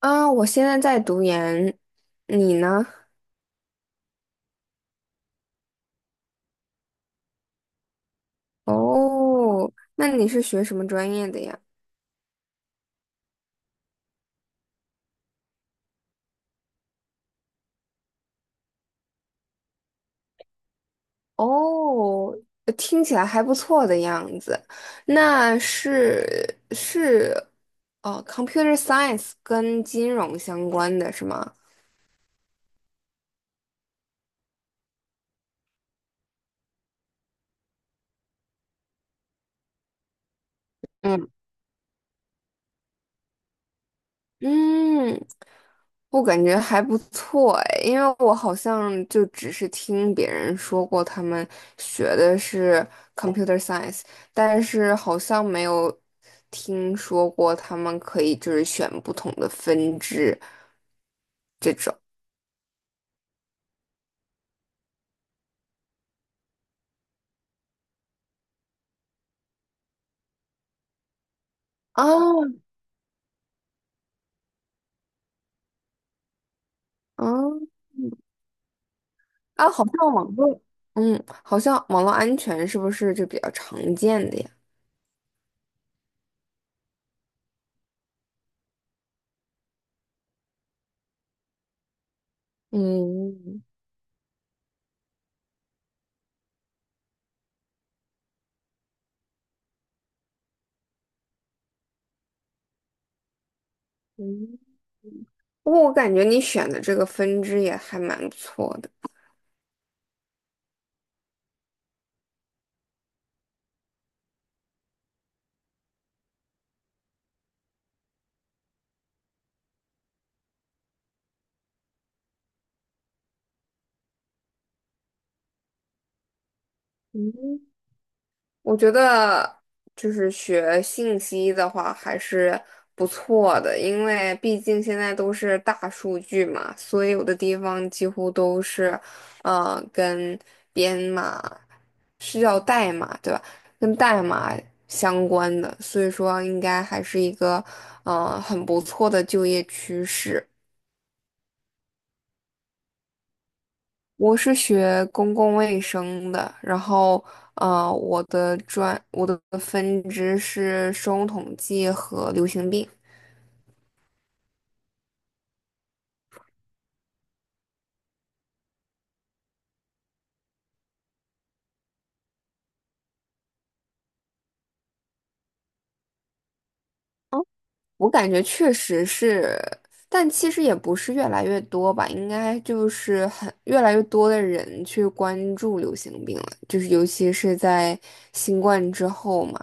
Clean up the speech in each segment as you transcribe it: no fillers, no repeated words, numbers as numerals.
啊，我现在在读研，你呢？哦，那你是学什么专业的呀？哦，听起来还不错的样子。那哦，computer science 跟金融相关的是吗？嗯。嗯，我感觉还不错哎，因为我好像就只是听别人说过他们学的是 computer science，但是好像没有听说过他们可以就是选不同的分支这种。啊啊啊，好像网络，嗯，好像网络安全是不是就比较常见的呀？嗯嗯，不过我感觉你选的这个分支也还蛮不错的。嗯，我觉得就是学信息的话还是不错的，因为毕竟现在都是大数据嘛，所有的地方几乎都是，跟编码是叫代码对吧？跟代码相关的，所以说应该还是一个，很不错的就业趋势。我是学公共卫生的，然后，我的分支是生物统计和流行病。我感觉确实是，但其实也不是越来越多吧，应该就是很越来越多的人去关注流行病了，就是尤其是在新冠之后嘛。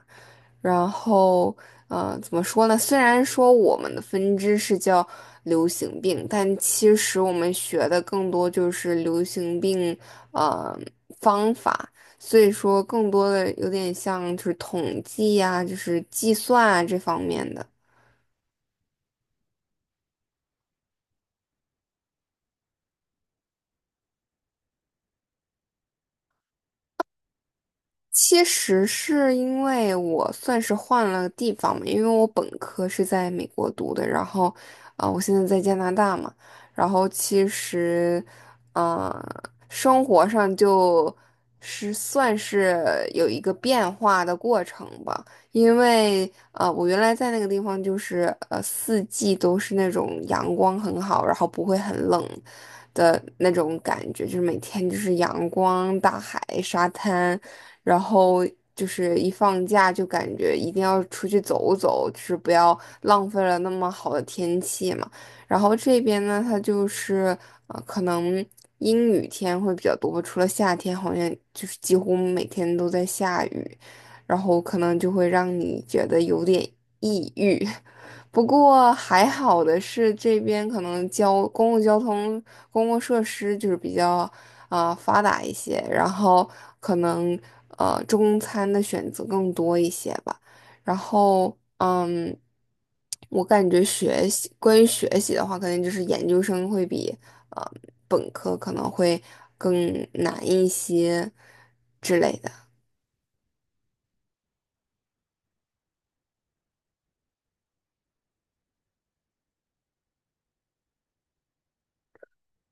然后，怎么说呢？虽然说我们的分支是叫流行病，但其实我们学的更多就是流行病，呃，方法。所以说，更多的有点像就是统计呀、就是计算啊这方面的。其实是因为我算是换了地方嘛，因为我本科是在美国读的，然后，啊、我现在在加拿大嘛，然后其实，啊，生活上就是算是有一个变化的过程吧，因为，我原来在那个地方就是，四季都是那种阳光很好，然后不会很冷的那种感觉，就是每天就是阳光、大海、沙滩。然后就是一放假就感觉一定要出去走走，就是不要浪费了那么好的天气嘛。然后这边呢，它就是可能阴雨天会比较多，除了夏天，好像就是几乎每天都在下雨，然后可能就会让你觉得有点抑郁。不过还好的是，这边可能交公共交通、公共设施就是比较发达一些，然后可能中餐的选择更多一些吧。然后嗯，我感觉学习关于学习的话，肯定就是研究生会比呃本科可能会更难一些之类的。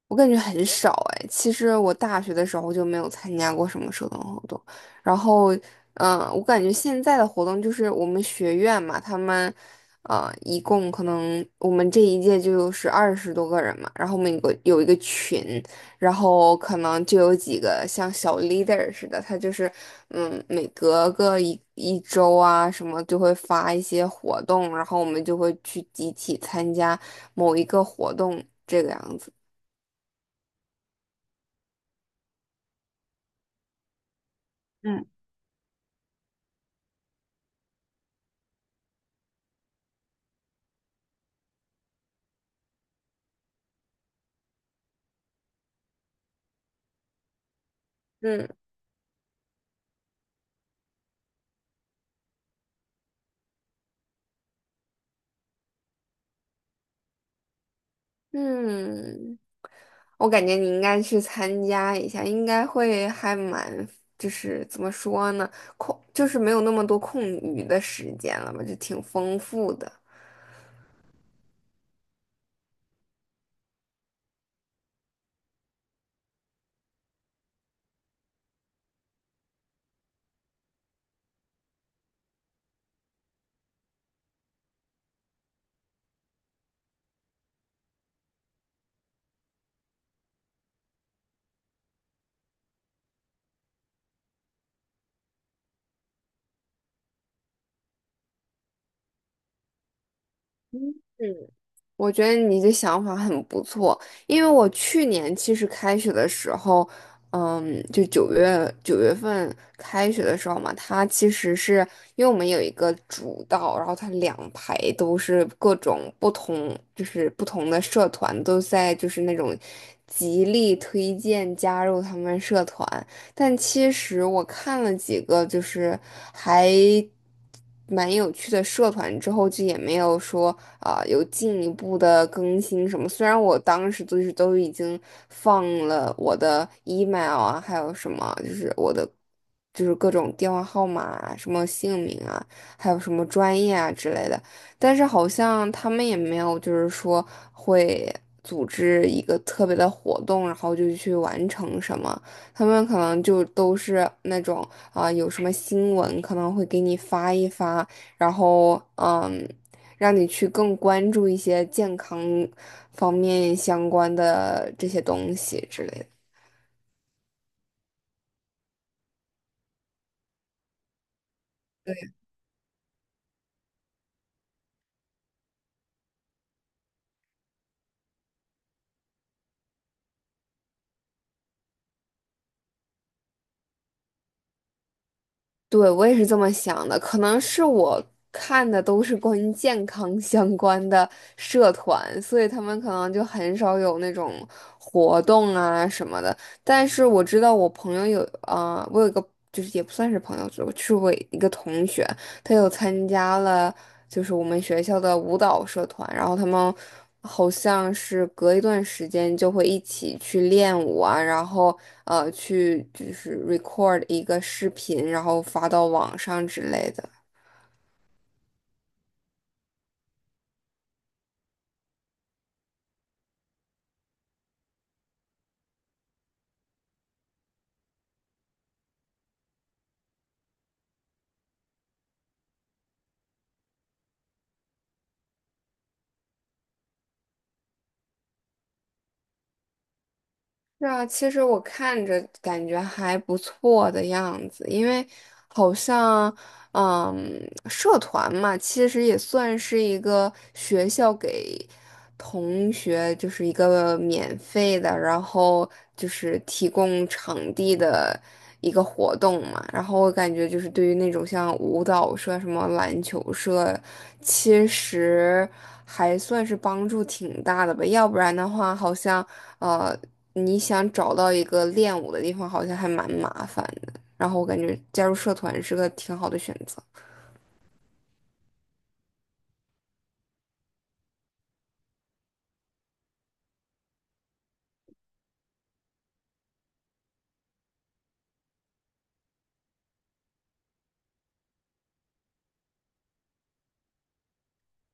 我感觉很少哎。其实我大学的时候就没有参加过什么社团活动，然后，嗯、我感觉现在的活动就是我们学院嘛，他们，一共可能我们这一届就是20多个人嘛，然后我们有一个群，然后可能就有几个像小 leader 似的，他就是，嗯，每隔个一周啊什么就会发一些活动，然后我们就会去集体参加某一个活动这个样子。嗯。嗯嗯，我感觉你应该去参加一下，应该会还蛮，就是怎么说呢，空，就是没有那么多空余的时间了吧，就挺丰富的。嗯。我觉得你的想法很不错，因为我去年其实开学的时候，嗯，就九月份开学的时候嘛，它其实是因为我们有一个主道，然后它两排都是各种不同，就是不同的社团都在就是那种极力推荐加入他们社团，但其实我看了几个，就是还蛮有趣的社团之后，就也没有说啊、有进一步的更新什么。虽然我当时就是都已经放了我的 email 啊，还有什么就是我的就是各种电话号码啊、什么姓名啊，还有什么专业啊之类的，但是好像他们也没有就是说会。组织一个特别的活动，然后就去完成什么。他们可能就都是那种啊、有什么新闻可能会给你发一发，然后嗯，让你去更关注一些健康方面相关的这些东西之类的。对，我也是这么想的，可能是我看的都是关于健康相关的社团，所以他们可能就很少有那种活动啊什么的。但是我知道我朋友有，啊、我有一个就是也不算是朋友，就是我一个同学，他又参加了就是我们学校的舞蹈社团，然后他们好像是隔一段时间就会一起去练舞啊，然后去就是 record 一个视频，然后发到网上之类的。是啊，其实我看着感觉还不错的样子，因为好像，嗯。社团嘛，其实也算是一个学校给同学，就是一个免费的，然后就是提供场地的一个活动嘛。然后我感觉就是对于那种像舞蹈社、什么篮球社，其实还算是帮助挺大的吧。要不然的话，好像呃，你想找到一个练舞的地方，好像还蛮麻烦的。然后我感觉加入社团是个挺好的选择。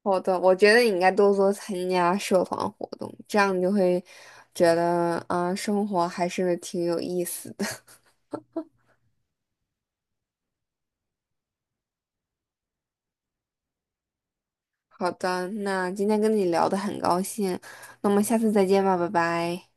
好的，我觉得你应该多多参加社团活动，这样你就会觉得，啊，生活还是挺有意思的。好的，那今天跟你聊的很高兴，那我们下次再见吧，拜拜。